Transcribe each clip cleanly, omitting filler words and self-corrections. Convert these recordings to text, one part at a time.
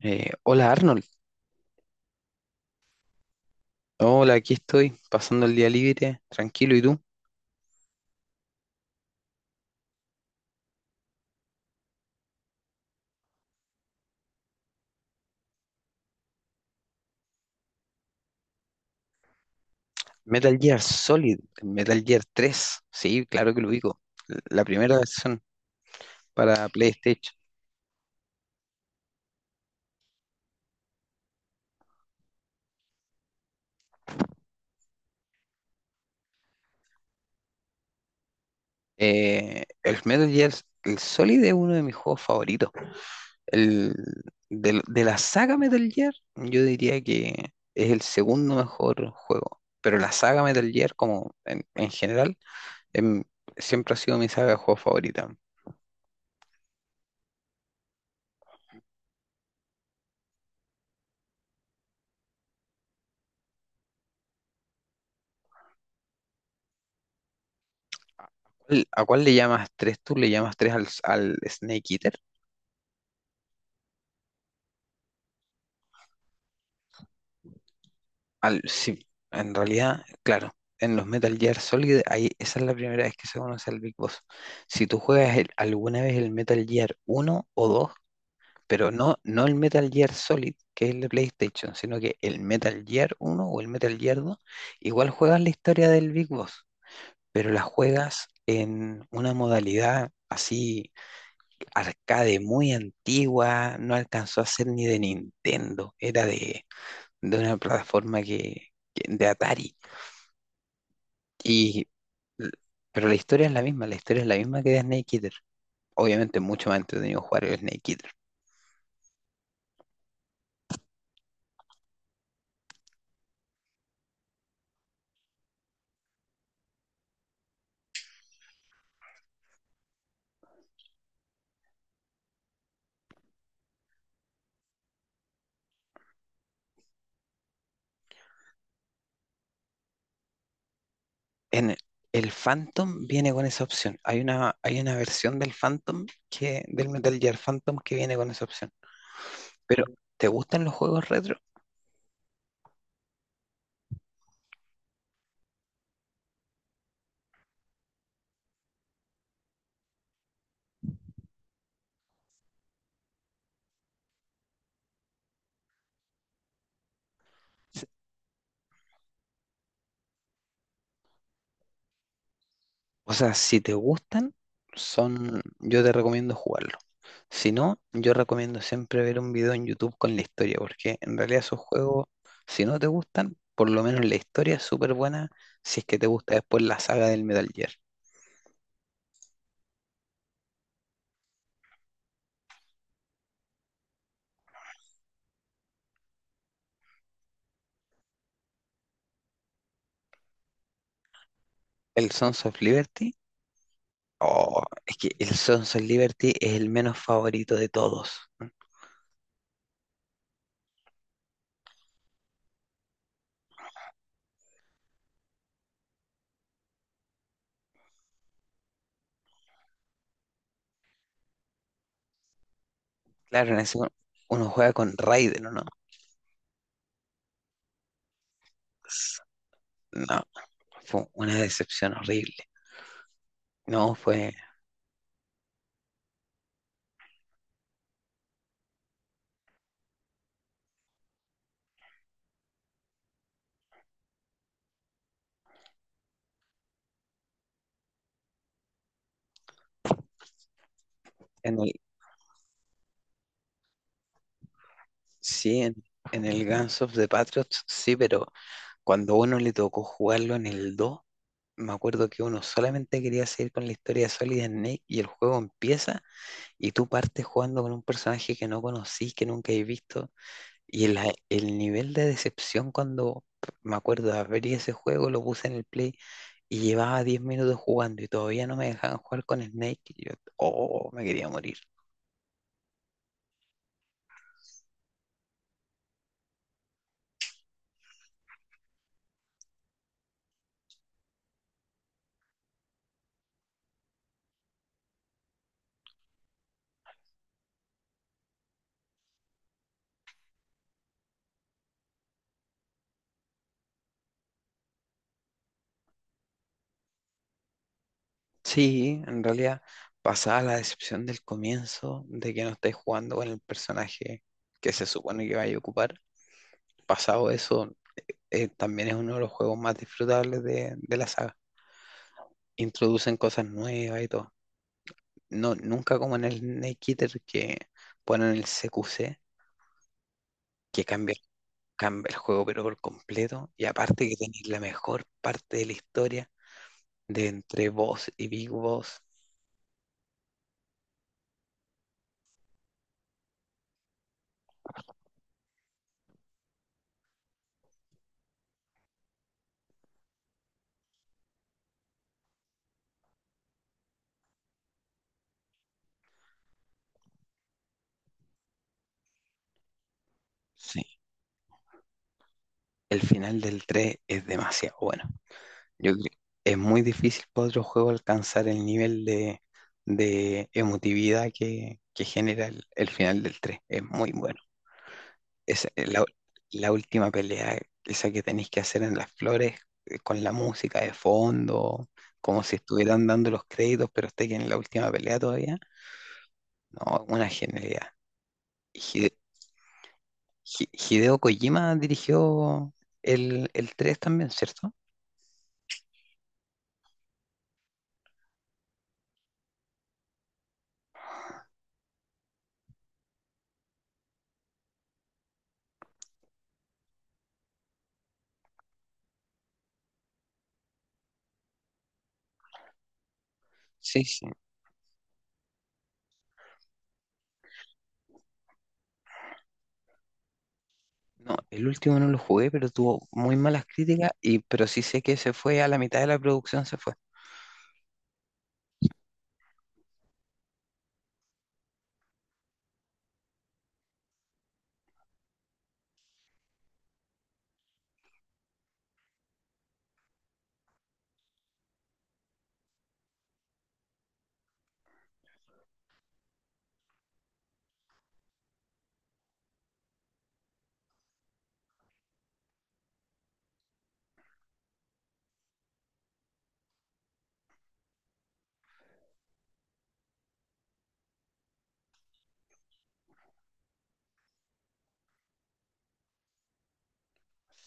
Hola, Arnold. Hola, aquí estoy, pasando el día libre, tranquilo, ¿y tú? Metal Gear Solid, Metal Gear 3, sí, claro que lo ubico, la primera versión para PlayStation. El Metal Gear, el Solid es uno de mis juegos favoritos. El, la saga Metal Gear, yo diría que es el segundo mejor juego, pero la saga Metal Gear como en general em, siempre ha sido mi saga de juegos favorita. ¿Cuál- ¿A cuál le llamas tres? ¿Tú le llamas tres al, al Snake Eater? Al, sí, en realidad, claro, en los Metal Gear Solid, ahí, esa es la primera vez que se conoce al Big Boss. Si tú juegas el- alguna vez el Metal Gear uno o dos, pero no, no el Metal Gear Solid, que es el de PlayStation, sino que el Metal Gear uno o el Metal Gear dos, igual juegas la historia del Big Boss, pero la juegas en una modalidad así arcade muy antigua, no alcanzó a ser ni de Nintendo, era de una plataforma que- de Atari. Y, pero la historia es la misma, la historia es la misma que de Snake Eater. Obviamente mucho más entretenido jugar el Snake Eater. En el Phantom viene con esa opción. Hay una versión del Phantom que, del Metal Gear Phantom que viene con esa opción. Pero ¿te gustan los juegos retro? O sea, si te gustan, son, yo te recomiendo jugarlo. Si no, yo recomiendo siempre ver un video en YouTube con la historia, porque en realidad esos juegos, si no te gustan, por lo menos la historia es súper buena, si es que te gusta después la saga del Metal Gear. El Sons of Liberty, oh, es que el Sons of Liberty es el menos favorito de todos. Claro, en ese, uno uno juega con Raiden, ¿o no? S- No, fue una decepción horrible. No, fue en el, sí, en el Guns of the Patriots, sí, pero cuando a uno le tocó jugarlo en el dos. Me acuerdo que uno solamente quería seguir con la historia de Solid Snake y el juego empieza y tú partes jugando con un personaje que no conocís, que nunca has visto. Y la- el nivel de decepción cuando me acuerdo de abrir ese juego, lo puse en el play y llevaba 10 minutos jugando y todavía no me dejaban jugar con Snake. Y yo, oh, me quería morir. Sí, en realidad pasaba la decepción del comienzo de que no estáis jugando con el personaje que se supone que vais a ocupar. Pasado eso, también es uno de los juegos más disfrutables de la saga. Introducen cosas nuevas y todo. No, nunca como en el Snake Eater que ponen el CQC, que cambia, cambia el juego pero por completo. Y aparte que tenéis la mejor parte de la historia de entre Boss y Big Boss. Sí, el final del 3 es demasiado bueno. Yo creo es muy difícil para otro juego alcanzar el nivel de emotividad que genera el final del tres. Es muy bueno. Esa, la, la última pelea, esa que tenéis que hacer en las flores, con la música de fondo, como si estuvieran dando los créditos, pero esté en la última pelea todavía. No, una genialidad. Y Hide- Hideo Kojima dirigió el 3 también, ¿cierto? Sí, sí. No, el último no lo jugué, pero tuvo muy malas críticas, y, pero sí sé que se fue a la mitad de la producción, se fue.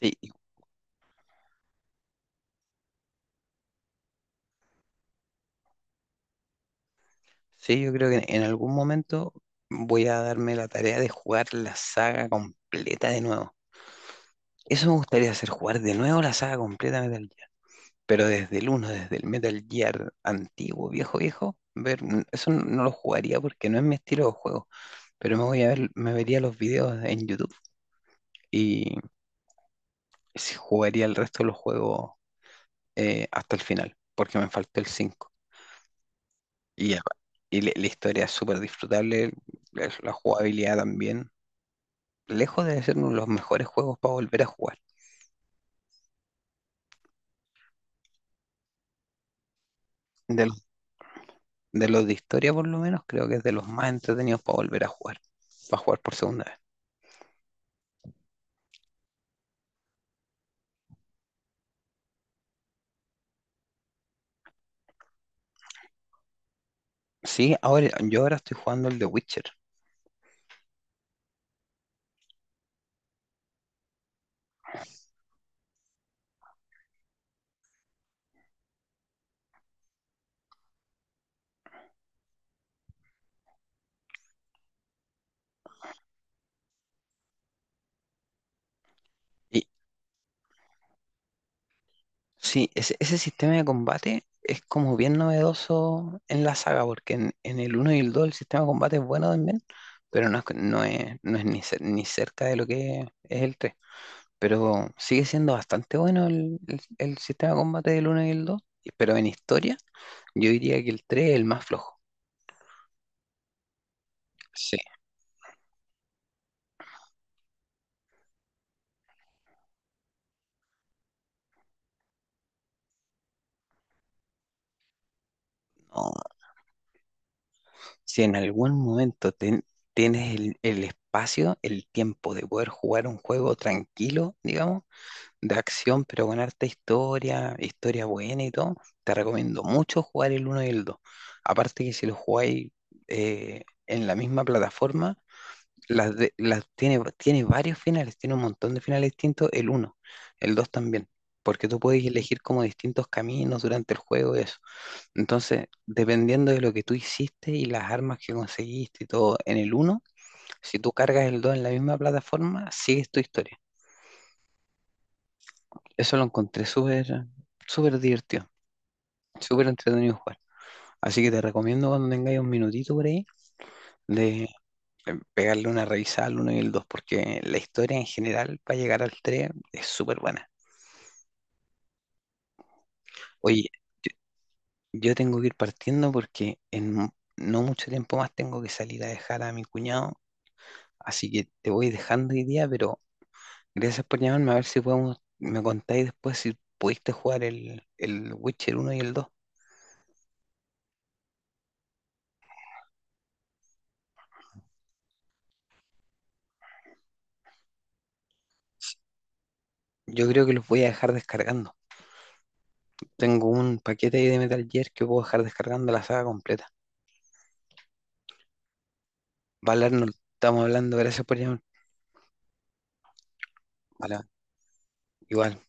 Sí, sí, yo creo que en algún momento voy a darme la tarea de jugar la saga completa de nuevo. Eso me gustaría hacer, jugar de nuevo la saga completa de Metal Gear. Pero desde el uno, desde el Metal Gear antiguo, viejo, viejo, ver, n- eso n- no lo jugaría porque no es mi estilo de juego. Pero me voy a ver, me vería los videos en YouTube y sí jugaría el resto de los juegos, hasta el final, porque me faltó el 5. Y, ya, y la la historia es súper disfrutable, la la jugabilidad también. Lejos de ser uno de los mejores juegos para volver a jugar. De los, de los de historia, por lo menos, creo que es de los más entretenidos para volver a jugar. Para jugar por segunda vez. Sí, ahora, yo ahora estoy jugando el de Witcher. Y sí, ese sistema de combate es como bien novedoso en la saga, porque en el uno y el 2 el sistema de combate es bueno también, pero no es, no es, no es ni, cer- ni cerca de lo que es el 3. Pero sigue siendo bastante bueno el, el sistema de combate del uno y el dos. Pero en historia, yo diría que el 3 es el más flojo. Sí, no, si en algún momento ten- tienes el espacio, el tiempo de poder jugar un juego tranquilo, digamos, de acción, pero con harta historia, historia buena y todo, te recomiendo mucho jugar el uno y el dos. Aparte que si lo jugáis en la misma plataforma, las de- las tiene, tiene varios finales, tiene un montón de finales distintos, el uno, el 2 también, porque tú puedes elegir como distintos caminos durante el juego y eso. Entonces, dependiendo de lo que tú hiciste y las armas que conseguiste y todo en el uno, si tú cargas el 2 en la misma plataforma, sigues tu historia. Eso lo encontré súper, súper divertido, súper entretenido jugar. Así que te recomiendo cuando tengáis un minutito por ahí de pegarle una revisada al uno y el 2 porque la historia en general para llegar al 3 es súper buena. Oye, yo tengo que ir partiendo porque en no mucho tiempo más tengo que salir a dejar a mi cuñado, así que te voy dejando hoy día, pero gracias por llamarme, a ver si podemos, me contáis después si pudiste jugar el Witcher uno y el dos. Yo creo que los voy a dejar descargando. Tengo un paquete ahí de Metal Gear que puedo dejar descargando la saga completa. Valar, nos estamos hablando, gracias por llamar. Vale, igual.